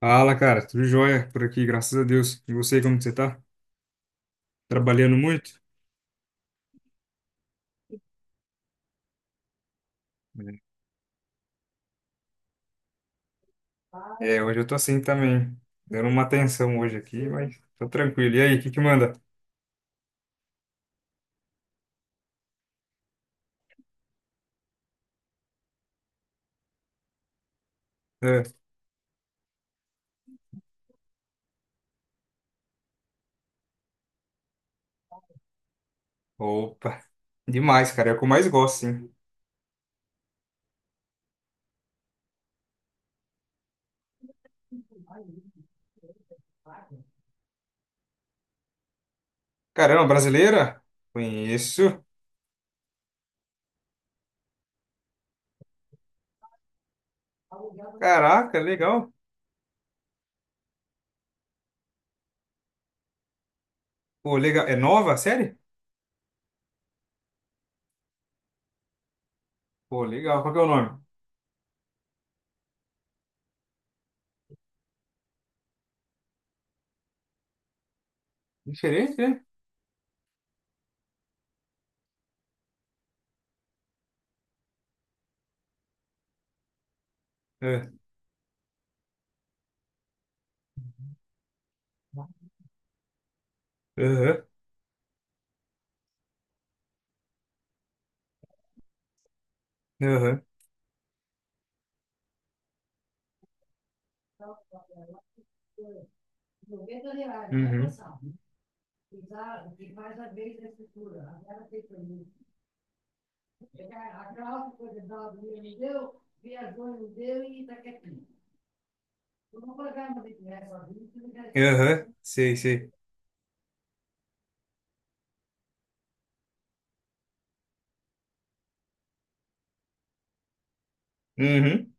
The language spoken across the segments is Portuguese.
Fala, cara, tudo jóia por aqui, graças a Deus. E você, como que você tá? Trabalhando muito? É, hoje eu tô assim também, dando uma atenção hoje aqui, mas tô tranquilo. E aí, o que que manda? É. Opa, demais, cara, é o que eu mais gosto, sim. Caramba, brasileira? Conheço. Caraca, legal. Pô, legal. É nova a série? Pô, legal. Qual que é o nome? Diferente, né? É. Aham, aham. Uhum. Aham, sei, sei. Uhum.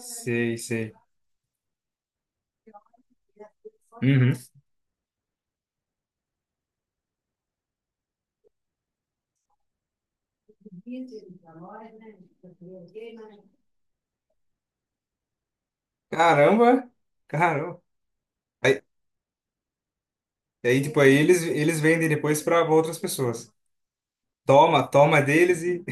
Sei, sei. Uhum. Caramba! Caramba! Aí, aí, tipo, aí eles vendem depois para outras pessoas. Toma, toma deles e.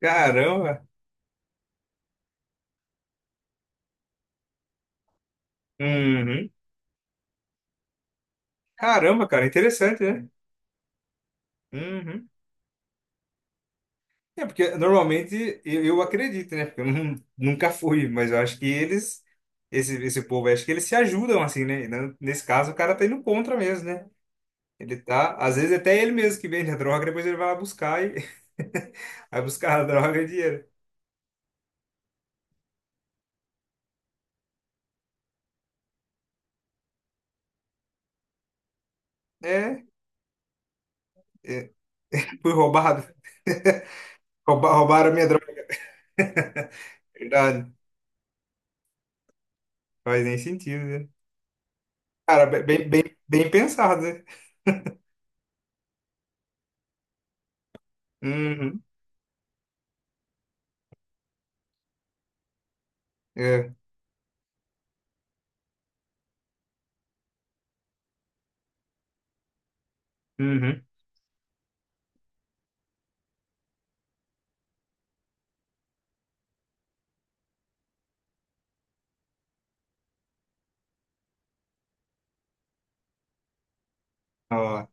Caramba! Uhum. Caramba, cara, interessante, né? Uhum. É, porque normalmente eu acredito, né? Porque eu nunca fui, mas eu acho que eles, esse povo, acho que eles se ajudam assim, né? E Nesse caso, o cara tá indo contra mesmo, né? Ele tá, às vezes até ele mesmo que vende a droga, depois ele vai lá buscar e vai buscar a droga e dinheiro. É, é, fui roubado. Roubaram a minha droga. Verdade. Faz nem sentido, né? Cara, bem pensado, né? Uhum. É. Uhum. Ó.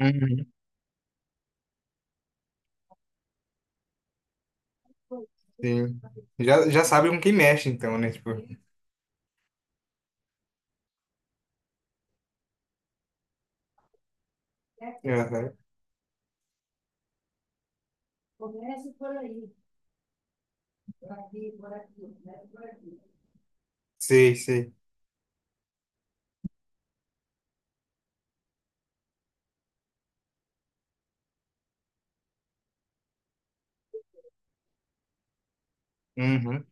Uhum. Sim. Já, já sabe com quem mexe, então, né? Tipo, uhum. Sei, sei. Uhum.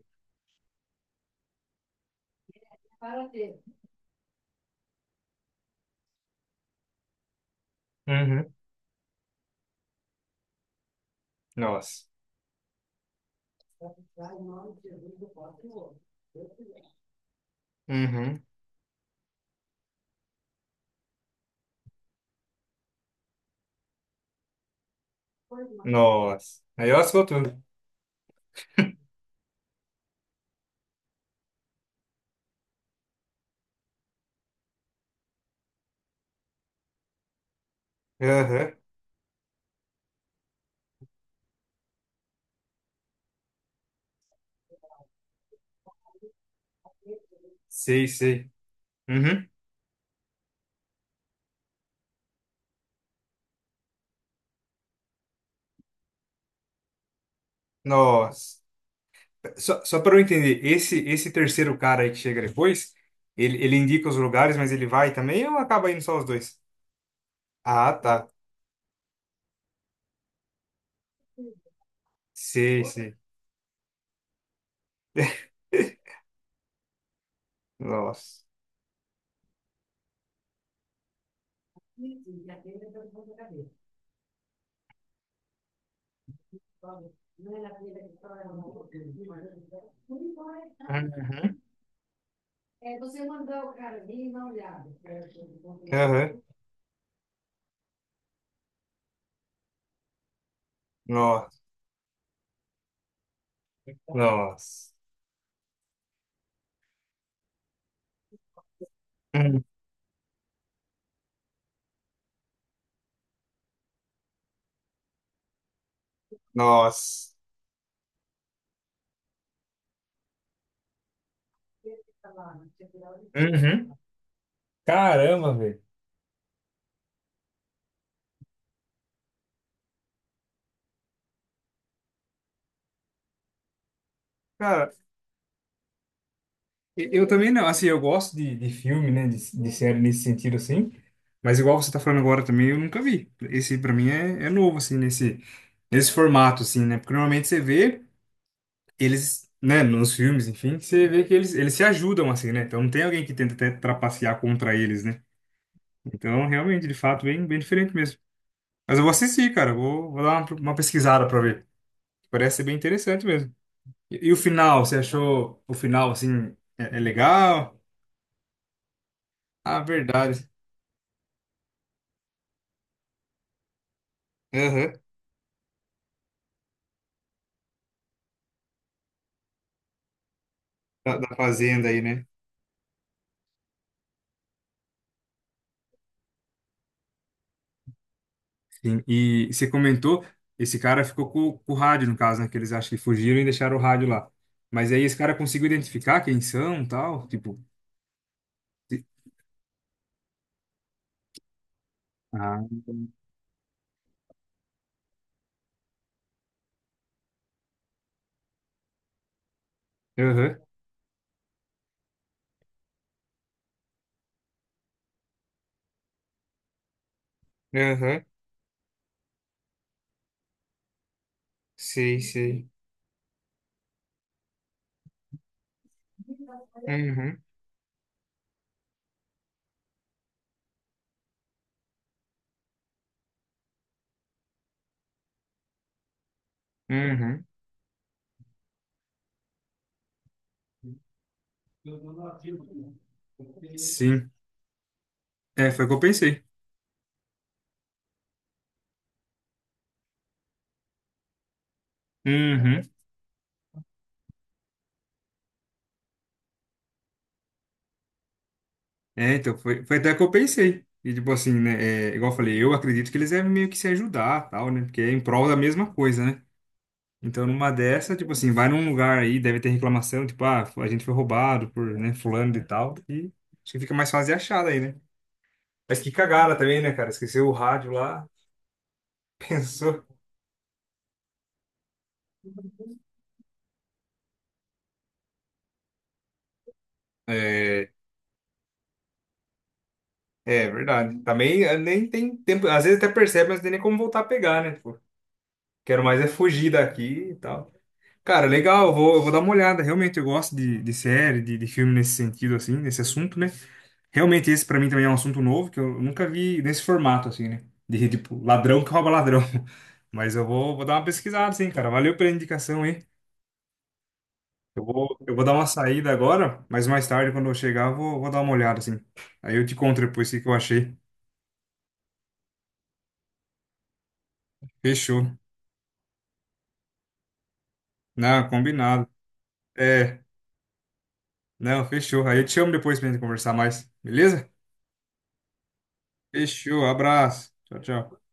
Uhum. Nossa. Uhum. Nossa. Aí, ó, soltou. Aham. Sei, sei. Uhum. Nossa. Só, só para eu entender, esse terceiro cara aí que chega depois, ele indica os lugares, mas ele vai também ou acaba indo só os dois? Ah, tá. Sei, sei. Nossa. Aham. Nossa. Nossa. Uhum. Nossa. Uhum. Caramba, velho. Eu também não, assim, eu gosto de filme, né, de série nesse sentido, assim, mas igual você tá falando agora também, eu nunca vi. Esse, pra mim, é, é novo, assim, nesse, nesse formato, assim, né, porque normalmente você vê eles, né, nos filmes, enfim, você vê que eles se ajudam, assim, né, então não tem alguém que tenta até trapacear contra eles, né, então, realmente, de fato, bem, bem diferente mesmo. Mas eu vou assistir, cara, eu vou, vou dar uma pesquisada pra ver, parece ser bem interessante mesmo. E o final, você achou o final, assim, é, é legal? Ah, verdade. Aham. Da, da fazenda aí, né? Sim, e você comentou, esse cara ficou com o rádio, no caso, né? Que eles acham que fugiram e deixaram o rádio lá. Mas aí esse cara conseguiu identificar quem são, tal, tipo... se- Ah, aham, aham, sei, sei. Uhum, uhum, sim. É, foi o que eu pensei. Uhum. É, então, foi, foi até o que eu pensei. E, tipo assim, né? É, igual eu falei, eu acredito que eles devem meio que se ajudar, tal, né? Porque é em prol da mesma coisa, né? Então, numa dessa, tipo assim, vai num lugar aí, deve ter reclamação, tipo, ah, a gente foi roubado por, né, fulano e tal, e acho que fica mais fácil de achar daí, né? Mas que cagada também, né, cara? Esqueceu o rádio lá, pensou. É, é verdade. Também nem tem tempo, às vezes até percebe, mas não tem nem como voltar a pegar, né? Tipo, quero mais é fugir daqui e tal. Cara, legal, eu vou dar uma olhada. Realmente, eu gosto de série, de filme nesse sentido, assim, nesse assunto, né? Realmente, esse pra mim também é um assunto novo que eu nunca vi nesse formato, assim, né? De tipo, ladrão que rouba ladrão. Mas eu vou, vou dar uma pesquisada, sim, cara. Valeu pela indicação aí. Eu vou dar uma saída agora, mas mais tarde, quando eu chegar, eu vou, vou dar uma olhada, assim. Aí eu te conto depois o que que eu achei. Fechou. Não, combinado. É, não, fechou. Aí eu te chamo depois pra gente conversar mais, beleza? Fechou, abraço. Tchau, tchau.